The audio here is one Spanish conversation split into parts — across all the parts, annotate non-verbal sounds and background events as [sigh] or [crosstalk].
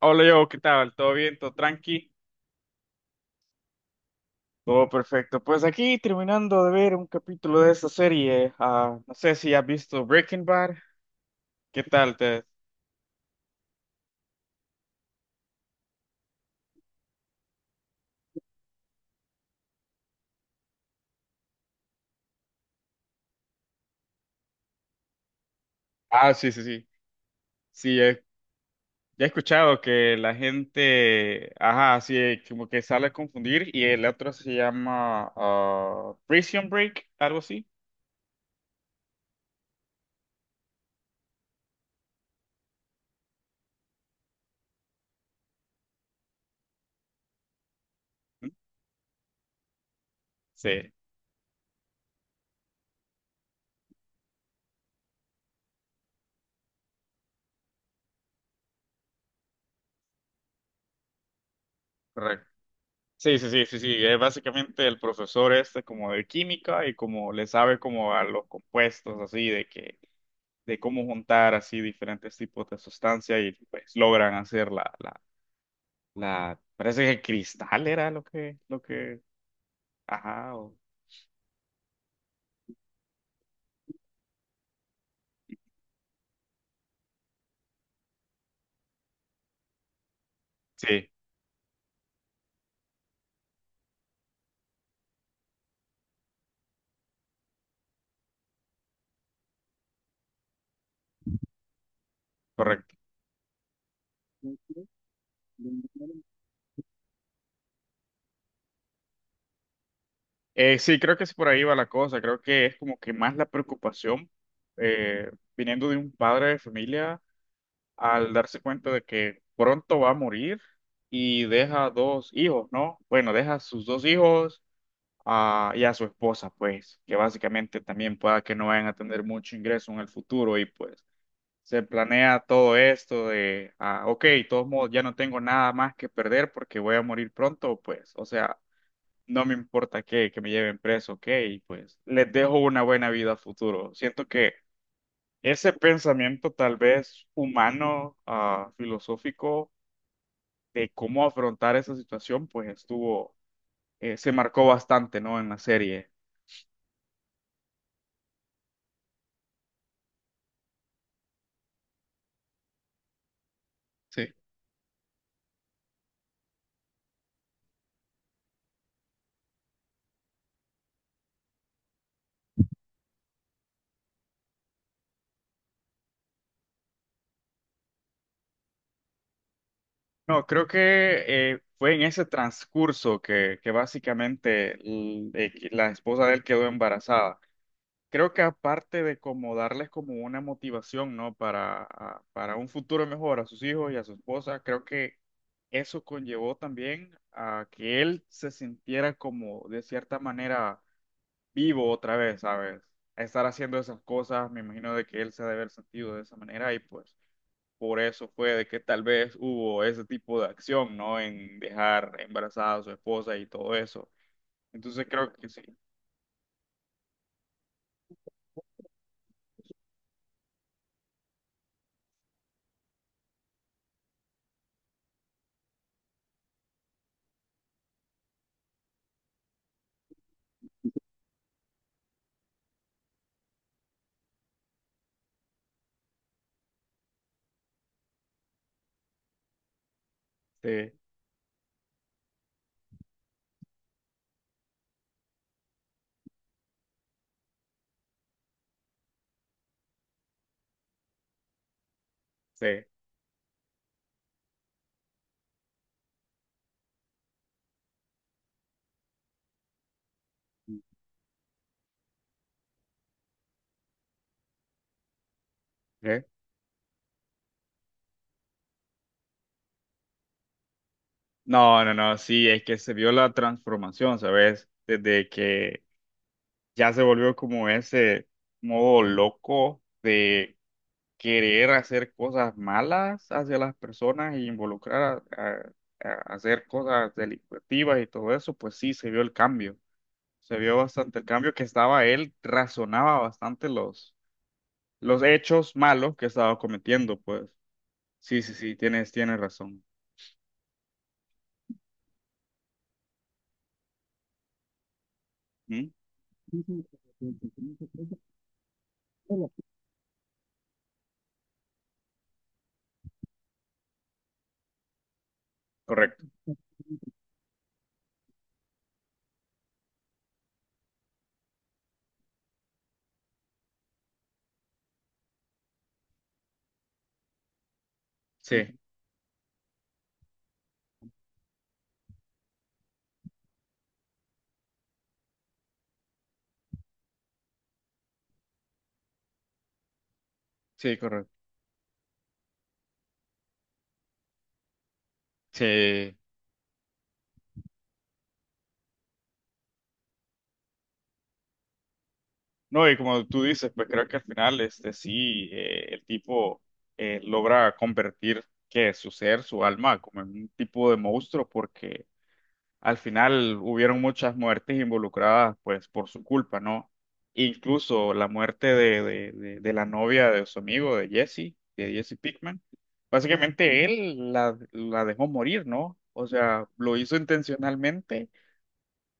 Hola yo, ¿qué tal? ¿Todo bien? ¿Todo tranqui? Todo perfecto. Pues aquí terminando de ver un capítulo de esta serie. No sé si has visto Breaking Bad. ¿Qué tal? Te... Ah, sí, sí, sí. Sí, he, ya he escuchado que la gente, ajá, sí, como que sale a confundir y el otro se llama Prison Break, algo así. ¿Mm? Sí, correcto. Sí, sí, sí, sí, sí. Es básicamente el profesor este como de química y como le sabe como a los compuestos así de que de cómo juntar así diferentes tipos de sustancias y pues logran hacer la parece que cristal era lo que, ajá, o- sí, correcto. Sí, creo que es por ahí va la cosa, creo que es como que más la preocupación eh, viniendo de un padre de familia al darse cuenta de que pronto va a morir y deja dos hijos, ¿no? Bueno, deja sus dos hijos a- y a su esposa, pues, que básicamente también pueda que no vayan a tener mucho ingreso en el futuro y pues se planea todo esto de, ok, de todos modos ya no tengo nada más que perder porque voy a morir pronto, pues, o sea, no me importa que me lleven preso, ok, y pues les dejo una buena vida a futuro. Siento que ese pensamiento tal vez humano, filosófico, de cómo afrontar esa situación, pues estuvo, se marcó bastante, ¿no? En la serie. Sí. No, creo que fue en ese transcurso que básicamente l- que la esposa de él quedó embarazada. Creo que aparte de como darles como una motivación, ¿no? Para, a- para un futuro mejor a sus hijos y a su esposa, creo que eso conllevó también a que él se sintiera como de cierta manera vivo otra vez, ¿sabes? A estar haciendo esas cosas, me imagino de que él se ha de haber sentido de esa manera y pues por eso fue de que tal vez hubo ese tipo de acción, ¿no? En dejar embarazada a su esposa y todo eso. Entonces creo que sí, sí, sí. ¿Eh? No, no, no, sí, es que se vio la transformación, ¿sabes? Desde que ya se volvió como ese modo loco de querer hacer cosas malas hacia las personas y involucrar a hacer cosas delictivas y todo eso, pues sí, se vio el cambio. Se vio bastante el cambio que estaba él, razonaba bastante los hechos malos que estaba cometiendo, pues. Sí, sí, sí, tienes razón. ¿Mm? Correcto. Sí, sí, correcto. Sí. No, y como tú dices, pues creo que al final, este, sí, el tipo logra convertir que su ser, su alma, como en un tipo de monstruo, porque al final hubieron muchas muertes involucradas, pues, por su culpa, ¿no? Incluso la muerte de la novia de su amigo, de Jesse Pickman. Básicamente él la dejó morir, ¿no? O sea, lo hizo intencionalmente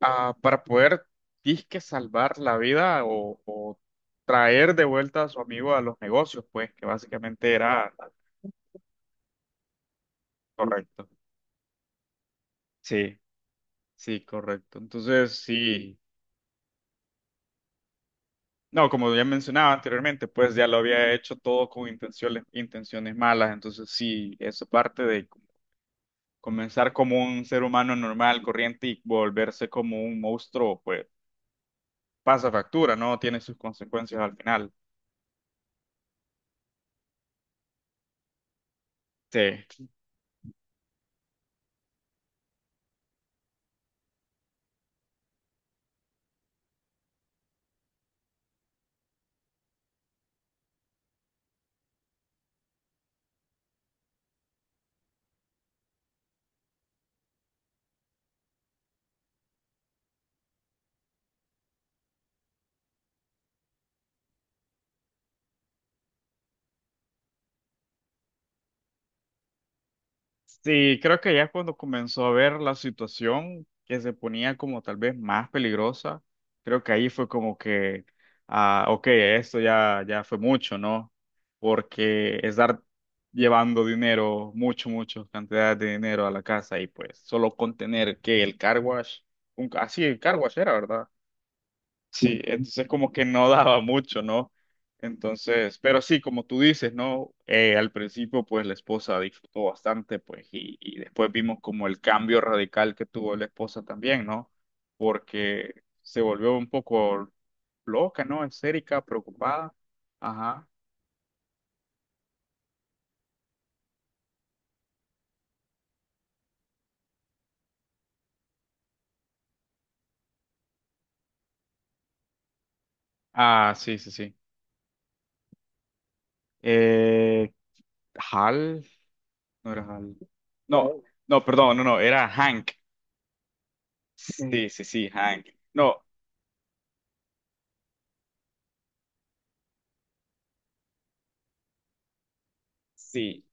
para poder, disque, salvar la vida o traer de vuelta a su amigo a los negocios, pues, que básicamente era correcto. Sí, sí, correcto. Entonces, sí. No, como ya mencionaba anteriormente, pues ya lo había hecho todo con intenciones, intenciones malas. Entonces, sí, eso parte de comenzar como un ser humano normal, corriente y volverse como un monstruo, pues pasa factura, ¿no? Tiene sus consecuencias al final. Sí. Sí, creo que ya cuando comenzó a ver la situación que se ponía como tal vez más peligrosa, creo que ahí fue como que, ok, esto ya, ya fue mucho, ¿no? Porque estar llevando dinero, mucho, mucho, cantidad de dinero a la casa y pues solo contener que el car wash, un, así el car wash era, ¿verdad? Sí, entonces como que no daba mucho, ¿no? Entonces, pero sí, como tú dices, ¿no? Al principio, pues la esposa disfrutó bastante, pues, y después vimos como el cambio radical que tuvo la esposa también, ¿no? Porque se volvió un poco loca, ¿no? Esérica, preocupada. Ajá. Ah, sí, sí, sí. Eh, Hal, no era Hal. No, no, perdón, no, no, era Hank. Sí, sí, sí, Hank. No, sí.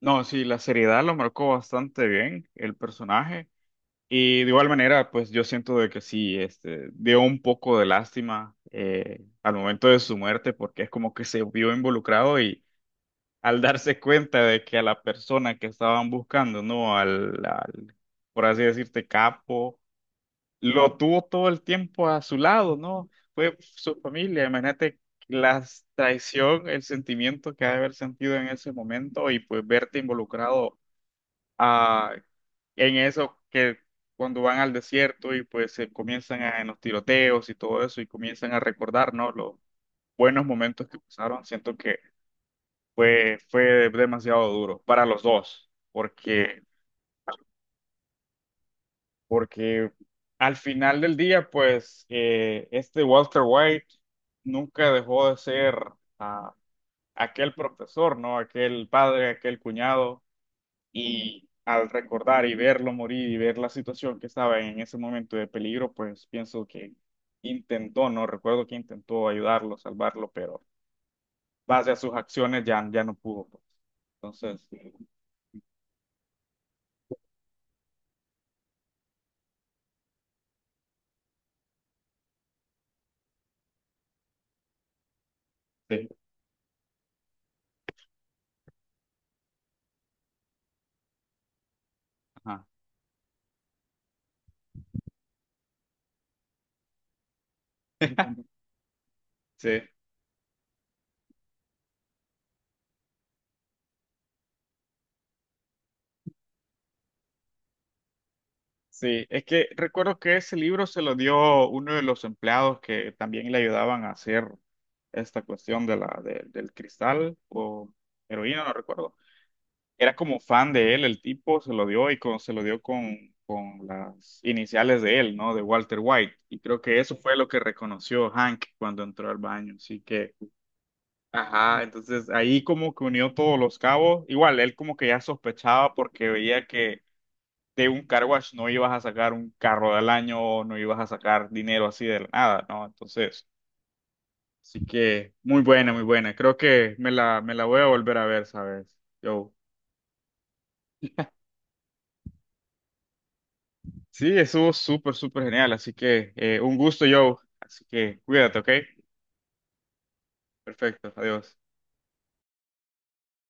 No, sí, la seriedad lo marcó bastante bien el personaje y de igual manera, pues yo siento de que sí, este, dio un poco de lástima al momento de su muerte porque es como que se vio involucrado y al [laughs] darse cuenta de que a la persona que estaban buscando, ¿no? Al, al, por así decirte, capo, lo tuvo todo el tiempo a su lado, ¿no? Fue su familia, imagínate la traición, el sentimiento que ha de haber sentido en ese momento y pues verte involucrado ah, en eso que cuando van al desierto y pues se comienzan a, en los tiroteos y todo eso y comienzan a recordar, ¿no? Los buenos momentos que pasaron, siento que fue demasiado duro para los dos, porque, porque al final del día, pues este Walter White nunca dejó de ser ah, aquel profesor, ¿no? Aquel padre, aquel cuñado. Y al recordar y verlo morir y ver la situación que estaba en ese momento de peligro, pues pienso que intentó, no recuerdo que intentó ayudarlo, salvarlo, pero base a sus acciones ya no pudo pues. Entonces, sí, ajá, sí. Sí, es que recuerdo que ese libro se lo dio uno de los empleados que también le ayudaban a hacer esta cuestión de la, de- del cristal o heroína, no recuerdo. Era como fan de él, el tipo se lo dio y con- se lo dio con las iniciales de él, ¿no? De Walter White. Y creo que eso fue lo que reconoció Hank cuando entró al baño. Así que, ajá, entonces ahí como que unió todos los cabos. Igual, él como que ya sospechaba porque veía que de un car wash no ibas a sacar un carro del año, no ibas a sacar dinero así de la nada, ¿no? Entonces, así que muy buena, muy buena. Creo que me la voy a volver a ver, ¿sabes? Yo. Sí, estuvo súper, súper genial. Así que un gusto, Joe. Así que cuídate, ¿ok? Perfecto, adiós.